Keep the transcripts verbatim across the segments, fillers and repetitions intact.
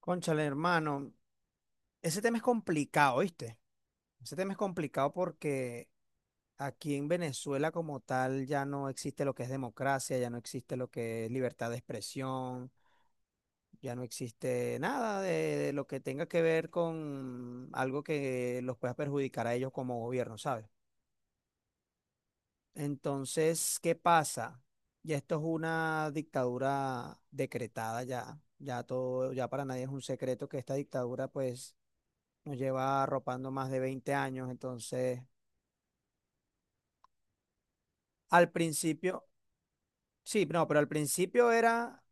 Cónchale, hermano, ese tema es complicado, ¿viste? Ese tema es complicado porque aquí en Venezuela como tal ya no existe lo que es democracia, ya no existe lo que es libertad de expresión, ya no existe nada de, de lo que tenga que ver con algo que los pueda perjudicar a ellos como gobierno, ¿sabes? Entonces, ¿qué pasa? Ya esto es una dictadura decretada ya, ya todo, ya para nadie es un secreto que esta dictadura pues nos lleva arropando más de veinte años. Entonces, al principio, sí, no, pero al principio era,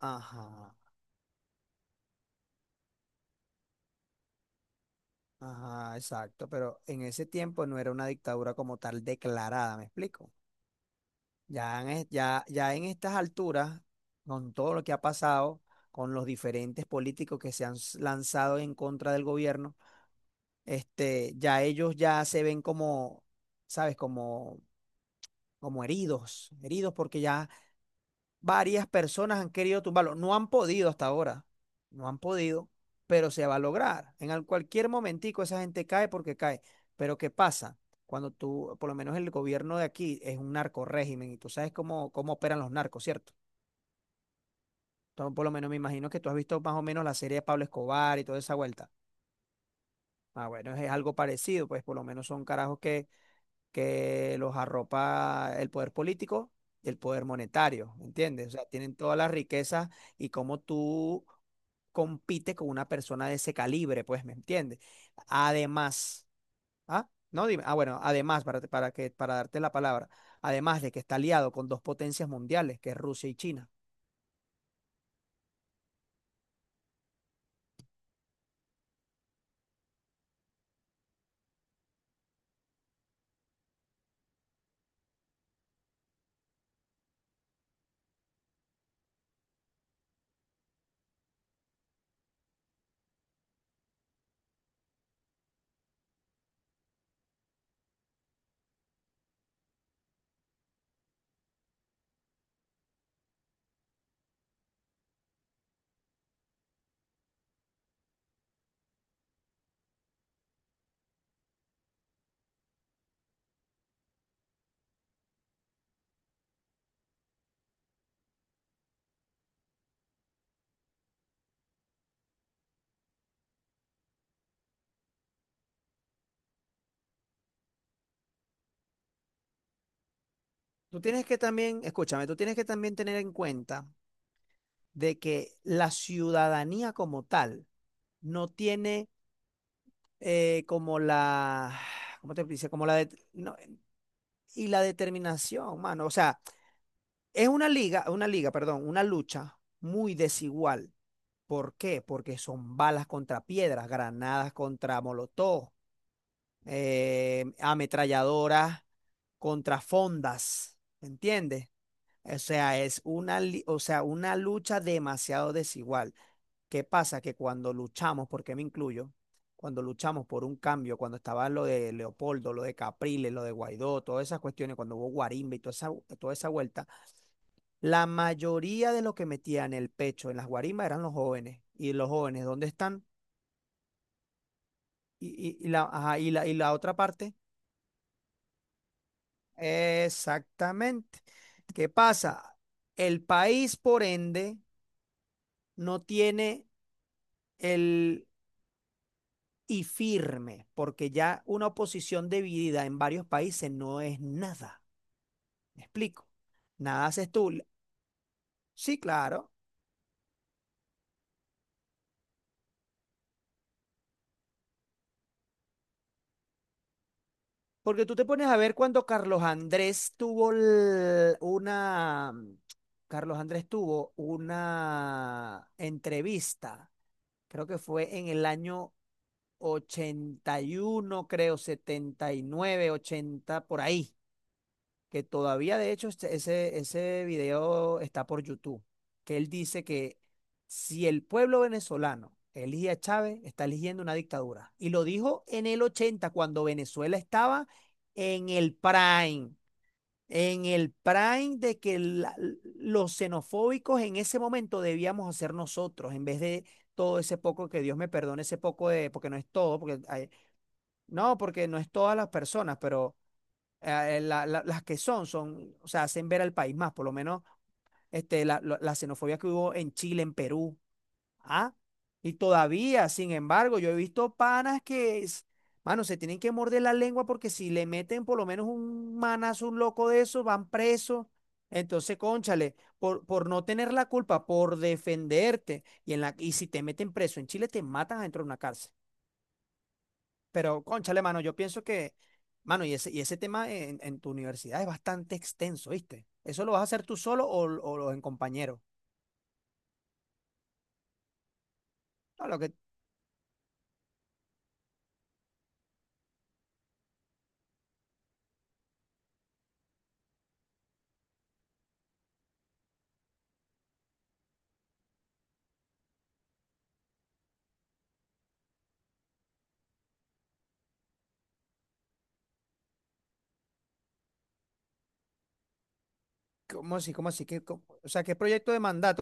ajá, ajá, exacto, pero en ese tiempo no era una dictadura como tal declarada, ¿me explico? Ya en, es- ya, ya en estas alturas, con todo lo que ha pasado, con los diferentes políticos que se han s- lanzado en contra del gobierno, este, ya ellos ya se ven como, ¿sabes? Como, como heridos, heridos porque ya varias personas han querido tumbarlo. No han podido hasta ahora. No han podido, pero se va a lograr. En al- cualquier momentico esa gente cae porque cae. Pero ¿qué pasa? Cuando tú, por lo menos el gobierno de aquí es un narco régimen y tú sabes cómo, cómo operan los narcos, ¿cierto? Entonces, por lo menos me imagino que tú has visto más o menos la serie de Pablo Escobar y toda esa vuelta. Ah, bueno, es algo parecido, pues por lo menos son carajos que que los arropa el poder político y el poder monetario, ¿me ¿entiendes? O sea, tienen todas las riquezas y cómo tú compites con una persona de ese calibre, pues, ¿me entiendes? Además, ¿ah? No, dime, ah, bueno, además, para, para que, para darte la palabra, además de que está aliado con dos potencias mundiales, que es Rusia y China. Tú tienes que también, escúchame, tú tienes que también tener en cuenta de que la ciudadanía como tal no tiene eh, como la, ¿cómo te dice? Como la de- no, y la determinación, mano. O sea, es una liga, una liga, perdón, una lucha muy desigual. ¿Por qué? Porque son balas contra piedras, granadas contra molotov, eh, ametralladoras contra fondas, ¿entiendes? O sea, es una, li- o sea, una lucha demasiado desigual. ¿Qué pasa? Que cuando luchamos, porque me incluyo, cuando luchamos por un cambio, cuando estaba lo de Leopoldo, lo de Capriles, lo de Guaidó, todas esas cuestiones, cuando hubo guarimba y toda esa, toda esa vuelta, la mayoría de los que metían el pecho en las guarimbas eran los jóvenes. ¿Y los jóvenes dónde están? Y, y- y la, ajá, y la, y la otra parte. Exactamente. ¿Qué pasa? El país, por ende, no tiene el y firme, porque ya una oposición dividida en varios países no es nada. Me explico. Nada haces tú. Sí, claro. Porque tú te pones a ver cuando Carlos Andrés tuvo l- una, mm, Carlos Andrés tuvo una entrevista, creo que fue en el año ochenta y uno creo, setenta y nueve ochenta por ahí. Que todavía de hecho este- ese, ese video está por YouTube, que él dice que si el pueblo venezolano elige a Chávez, está eligiendo una dictadura. Y lo dijo en el ochenta cuando Venezuela estaba en el prime, en el prime de que la- los xenofóbicos en ese momento debíamos hacer nosotros, en vez de todo ese poco, que Dios me perdone ese poco de, porque no es todo, porque hay- no, porque no es todas las personas, pero eh, eh, la- la- las que son, son, o sea, hacen ver al país más, por lo menos este, la, lo- la xenofobia que hubo en Chile, en Perú, ¿ah? Y todavía, sin embargo, yo he visto panas que, es- mano, se tienen que morder la lengua porque si le meten por lo menos un manazo, un loco de eso, van presos. Entonces, cónchale, por, por no tener la culpa, por defenderte, y, en la, y si te meten preso en Chile, te matan adentro de una cárcel. Pero, cónchale, mano, yo pienso que, mano, y ese, y ese tema en, en tu universidad es bastante extenso, ¿viste? ¿Eso lo vas a hacer tú solo o, o en compañero? No, lo que, ¿cómo así? ¿Cómo así? ¿Qué, cómo- o sea, ¿qué proyecto de mandato?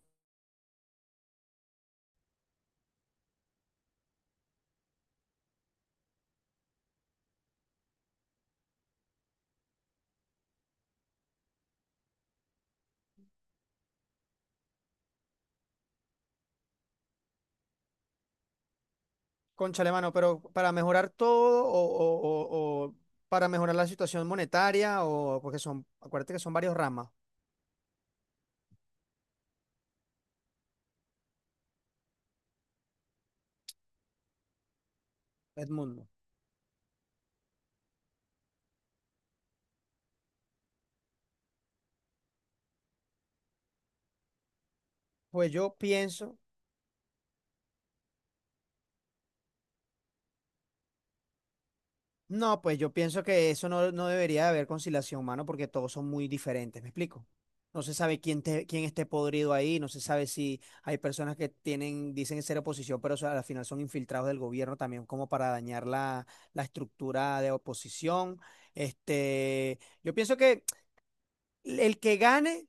Cónchale, mano, pero para mejorar todo o, o- o- o para mejorar la situación monetaria o porque son, acuérdate que son varios ramas, Edmundo. Pues yo pienso. No, pues yo pienso que eso no, no debería de haber conciliación, mano, porque todos son muy diferentes, ¿me explico? No se sabe quién, te- quién esté podrido ahí, no se sabe si hay personas que tienen, dicen ser oposición, pero so- al final son infiltrados del gobierno también como para dañar la, la estructura de oposición. Este, yo pienso que el que gane,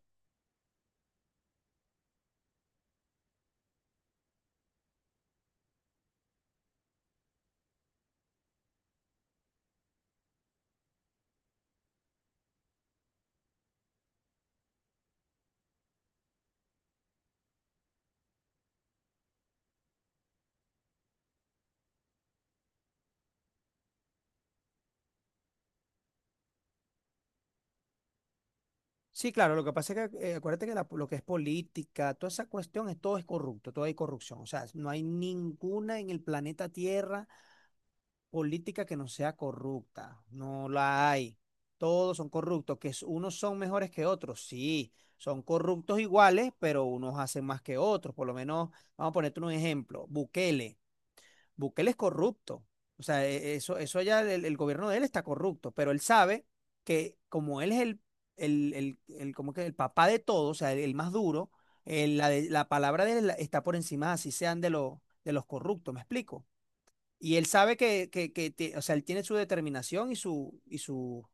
sí, claro, lo que pasa es que eh, acuérdate que la- lo que es política, toda esa cuestión, es, todo es corrupto, todo hay corrupción, o sea, no hay ninguna en el planeta Tierra política que no sea corrupta. No la hay. Todos son corruptos, que es- unos son mejores que otros, sí, son corruptos iguales, pero unos hacen más que otros. Por lo menos, vamos a ponerte un ejemplo, Bukele. Bukele es corrupto. O sea, e- eso, eso ya el, el gobierno de él está corrupto, pero él sabe que como él es el, el, el, el- como que el papá de todos, o sea, el, el más duro, eh, la, de- la palabra de él la- está por encima, así sean de, los de los corruptos, ¿me explico? Y él sabe que, que, que te- o sea, él tiene su determinación y su, y su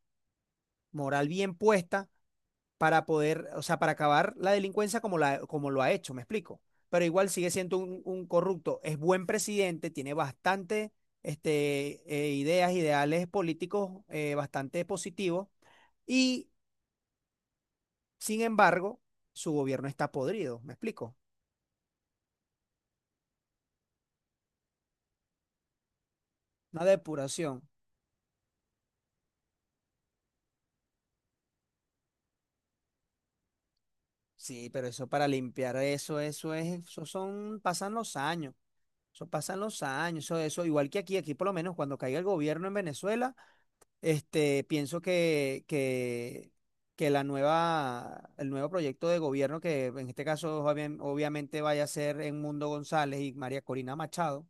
moral bien puesta para poder, o sea, para acabar la delincuencia como, la, como lo ha hecho, ¿me explico? Pero igual sigue siendo un, un corrupto, es buen presidente, tiene bastante este, eh, ideas, ideales políticos eh, bastante positivos y, sin embargo, su gobierno está podrido, ¿me explico? Una depuración. Sí, pero eso para limpiar eso, eso es, eso son, pasan los años. Eso pasan los años, eso, eso, igual que aquí, aquí por lo menos cuando caiga el gobierno en Venezuela, este, pienso que, que, que la nueva, el nuevo proyecto de gobierno, que en este caso obvia- obviamente vaya a ser Edmundo González y María Corina Machado,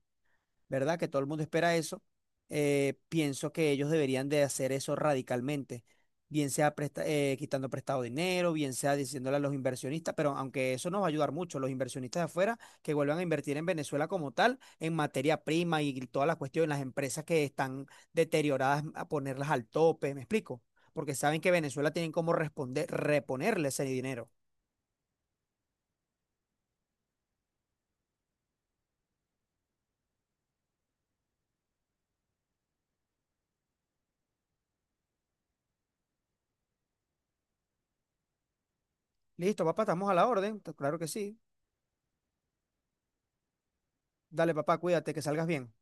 ¿verdad? Que todo el mundo espera eso. Eh, pienso que ellos deberían de hacer eso radicalmente, bien sea presta- eh, quitando prestado dinero, bien sea diciéndole a los inversionistas, pero aunque eso nos va a ayudar mucho, los inversionistas de afuera que vuelvan a invertir en Venezuela como tal, en materia prima y todas las cuestiones, las empresas que están deterioradas, a ponerlas al tope, ¿me explico? Porque saben que Venezuela tienen cómo responder, reponerle ese dinero. Listo, papá, estamos a la orden. Claro que sí. Dale, papá, cuídate, que salgas bien.